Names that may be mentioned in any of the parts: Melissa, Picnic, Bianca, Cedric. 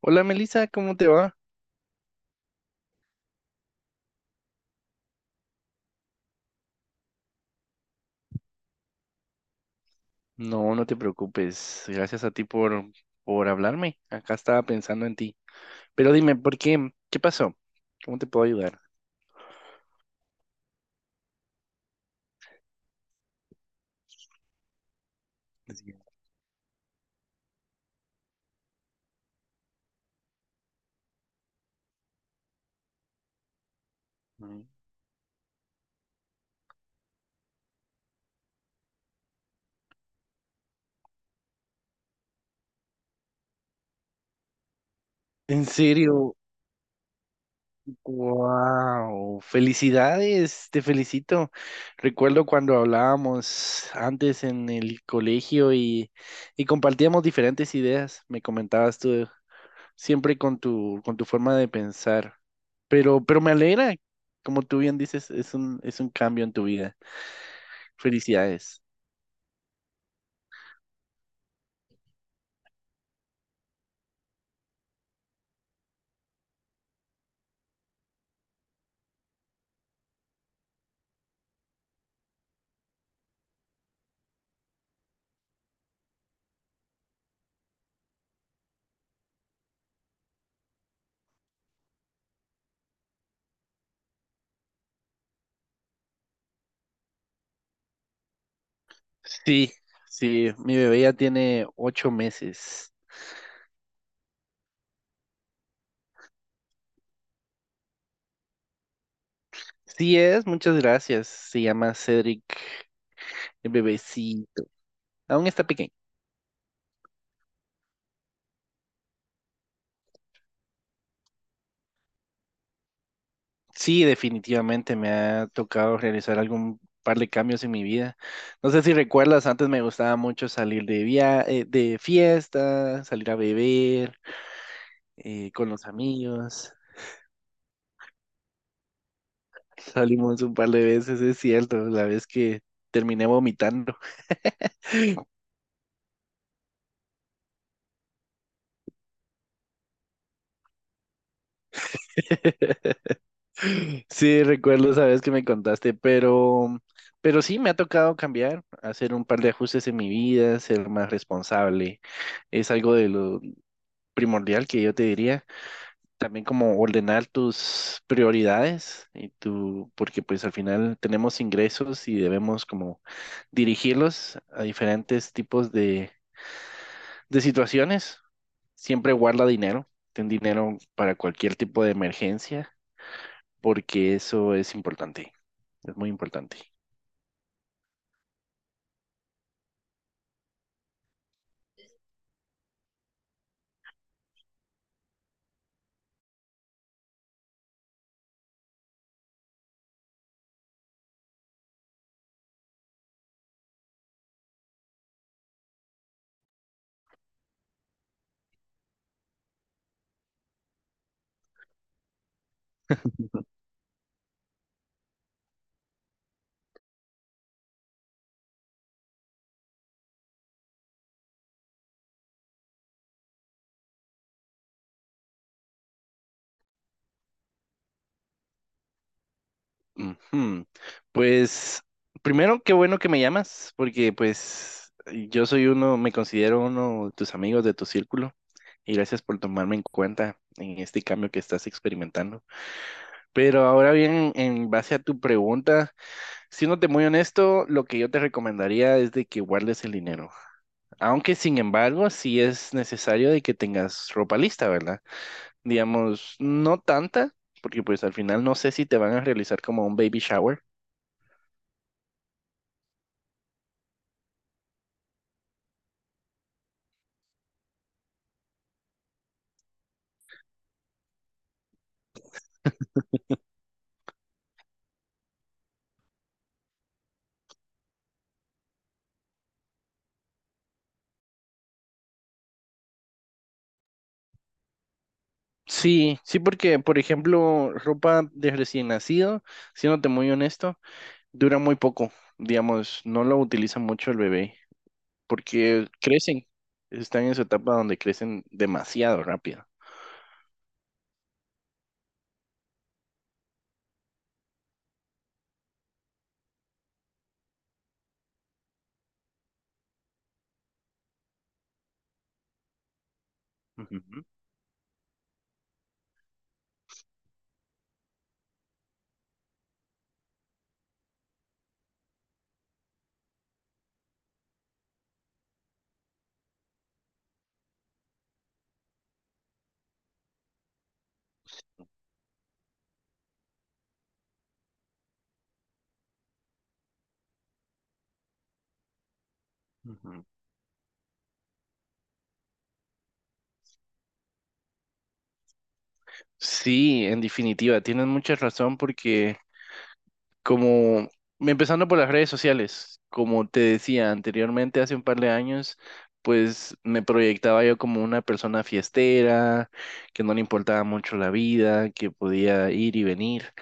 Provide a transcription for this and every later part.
Hola Melissa, ¿cómo te va? No te preocupes. Gracias a ti por hablarme. Acá estaba pensando en ti. Pero dime, ¿por qué? ¿Qué pasó? ¿Cómo te puedo ayudar? Así que, mm. En serio, wow, felicidades, te felicito. Recuerdo cuando hablábamos antes en el colegio y compartíamos diferentes ideas. Me comentabas tú siempre con con tu forma de pensar. Pero me alegra, como tú bien dices, es un cambio en tu vida. Felicidades. Sí, sí, mi bebé ya tiene 8 meses. Sí es, muchas gracias. Se llama Cedric, el bebecito. Aún está pequeño. Sí, definitivamente me ha tocado realizar algún par de cambios en mi vida. No sé si recuerdas, antes me gustaba mucho salir de via de fiesta, salir a beber con los amigos. Salimos un par de veces, es cierto, la vez que terminé vomitando. Sí, recuerdo esa vez que me contaste, pero sí me ha tocado cambiar, hacer un par de ajustes en mi vida, ser más responsable. Es algo de lo primordial que yo te diría. También como ordenar tus prioridades y tu, porque pues al final tenemos ingresos y debemos como dirigirlos a diferentes tipos de situaciones. Siempre guarda dinero, ten dinero para cualquier tipo de emergencia, porque eso es importante, es muy importante. Ujú. Pues primero, qué bueno que me llamas, porque pues yo soy uno, me considero uno de tus amigos de tu círculo, y gracias por tomarme en cuenta en este cambio que estás experimentando. Pero ahora bien, en base a tu pregunta, siéndote muy honesto, lo que yo te recomendaría es de que guardes el dinero. Aunque sin embargo, sí es necesario de que tengas ropa lista, ¿verdad? Digamos, no tanta, porque pues al final no sé si te van a realizar como un baby shower. Sí, sí, porque por ejemplo, ropa de recién nacido, siéndote muy honesto, dura muy poco. Digamos, no lo utiliza mucho el bebé, porque crecen, están en su etapa donde crecen demasiado rápido. Ujú, ujú. Sí, en definitiva, tienes mucha razón porque, como empezando por las redes sociales, como te decía anteriormente, hace un par de años, pues me proyectaba yo como una persona fiestera, que no le importaba mucho la vida, que podía ir y venir.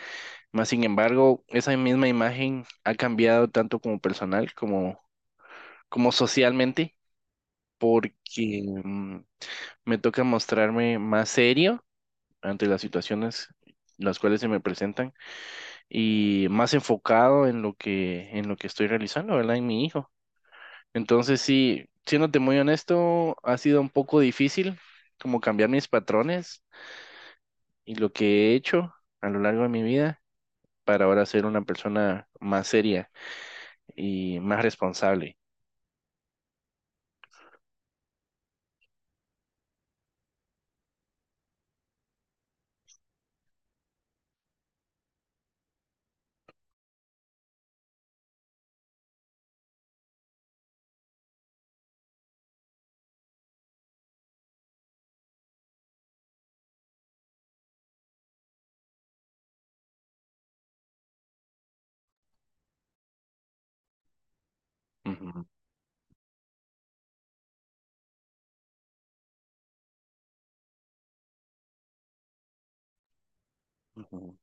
Más sin embargo, esa misma imagen ha cambiado tanto como como socialmente, porque me toca mostrarme más serio ante las situaciones las cuales se me presentan y más enfocado en en lo que estoy realizando, ¿verdad? En mi hijo. Entonces, sí, siéndote muy honesto, ha sido un poco difícil como cambiar mis patrones y lo que he hecho a lo largo de mi vida para ahora ser una persona más seria y más responsable. Ujú, ujú,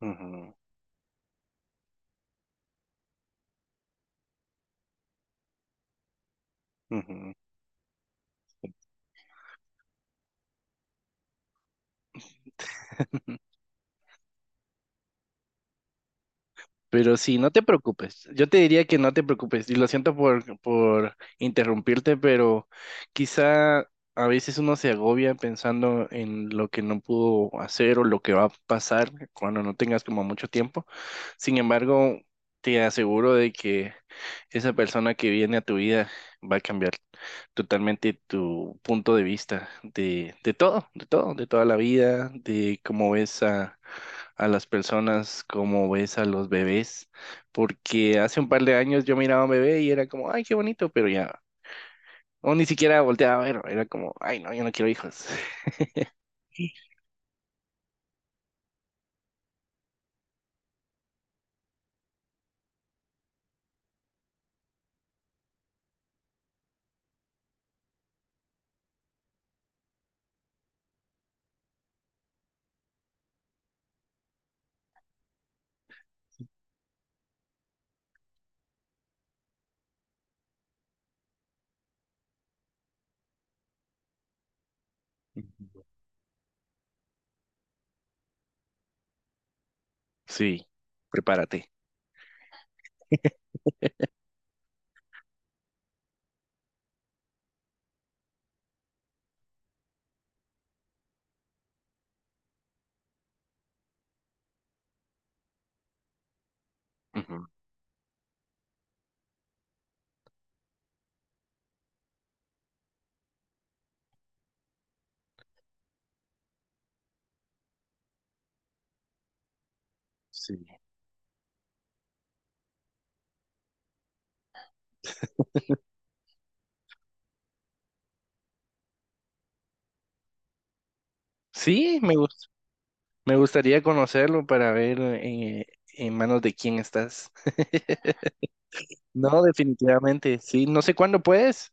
ujú, ujú. Pero sí, no te preocupes. Yo te diría que no te preocupes. Y lo siento por interrumpirte, pero quizá a veces uno se agobia pensando en lo que no pudo hacer o lo que va a pasar cuando no tengas como mucho tiempo. Sin embargo, te aseguro de que esa persona que viene a tu vida va a cambiar totalmente tu punto de vista de todo, de todo, de toda la vida, de cómo ves a las personas, cómo ves a los bebés, porque hace un par de años yo miraba a un bebé y era como, ay, qué bonito, pero ya, o ni siquiera volteaba a ver, era como, ay, no, yo no quiero hijos. Sí, sí, prepárate. Ujú, sí, sí, me gus- me gustaría conocerlo para ver en manos de quién estás. No, definitivamente, sí, no sé cuándo puedes.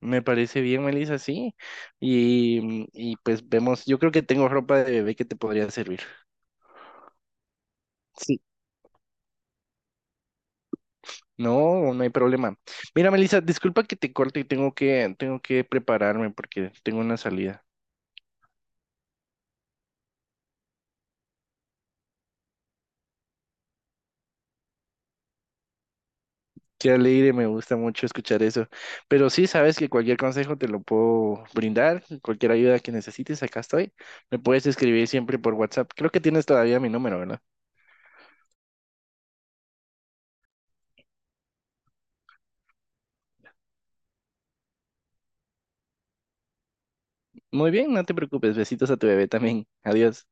Me parece bien, Melissa, sí. Y, mm, y pues vemos, yo creo que tengo ropa de bebé que te podría servir. Sí. No, no hay problema. Mira, Melissa, disculpa que te corte y tengo que prepararme porque tengo una salida. Qué alegre, me gusta mucho escuchar eso. Pero sí, sabes que cualquier consejo te lo puedo brindar, cualquier ayuda que necesites, acá estoy. Me puedes escribir siempre por WhatsApp. Creo que tienes todavía mi número, ¿verdad? Muy bien, no te preocupes. Besitos a tu bebé también. Adiós.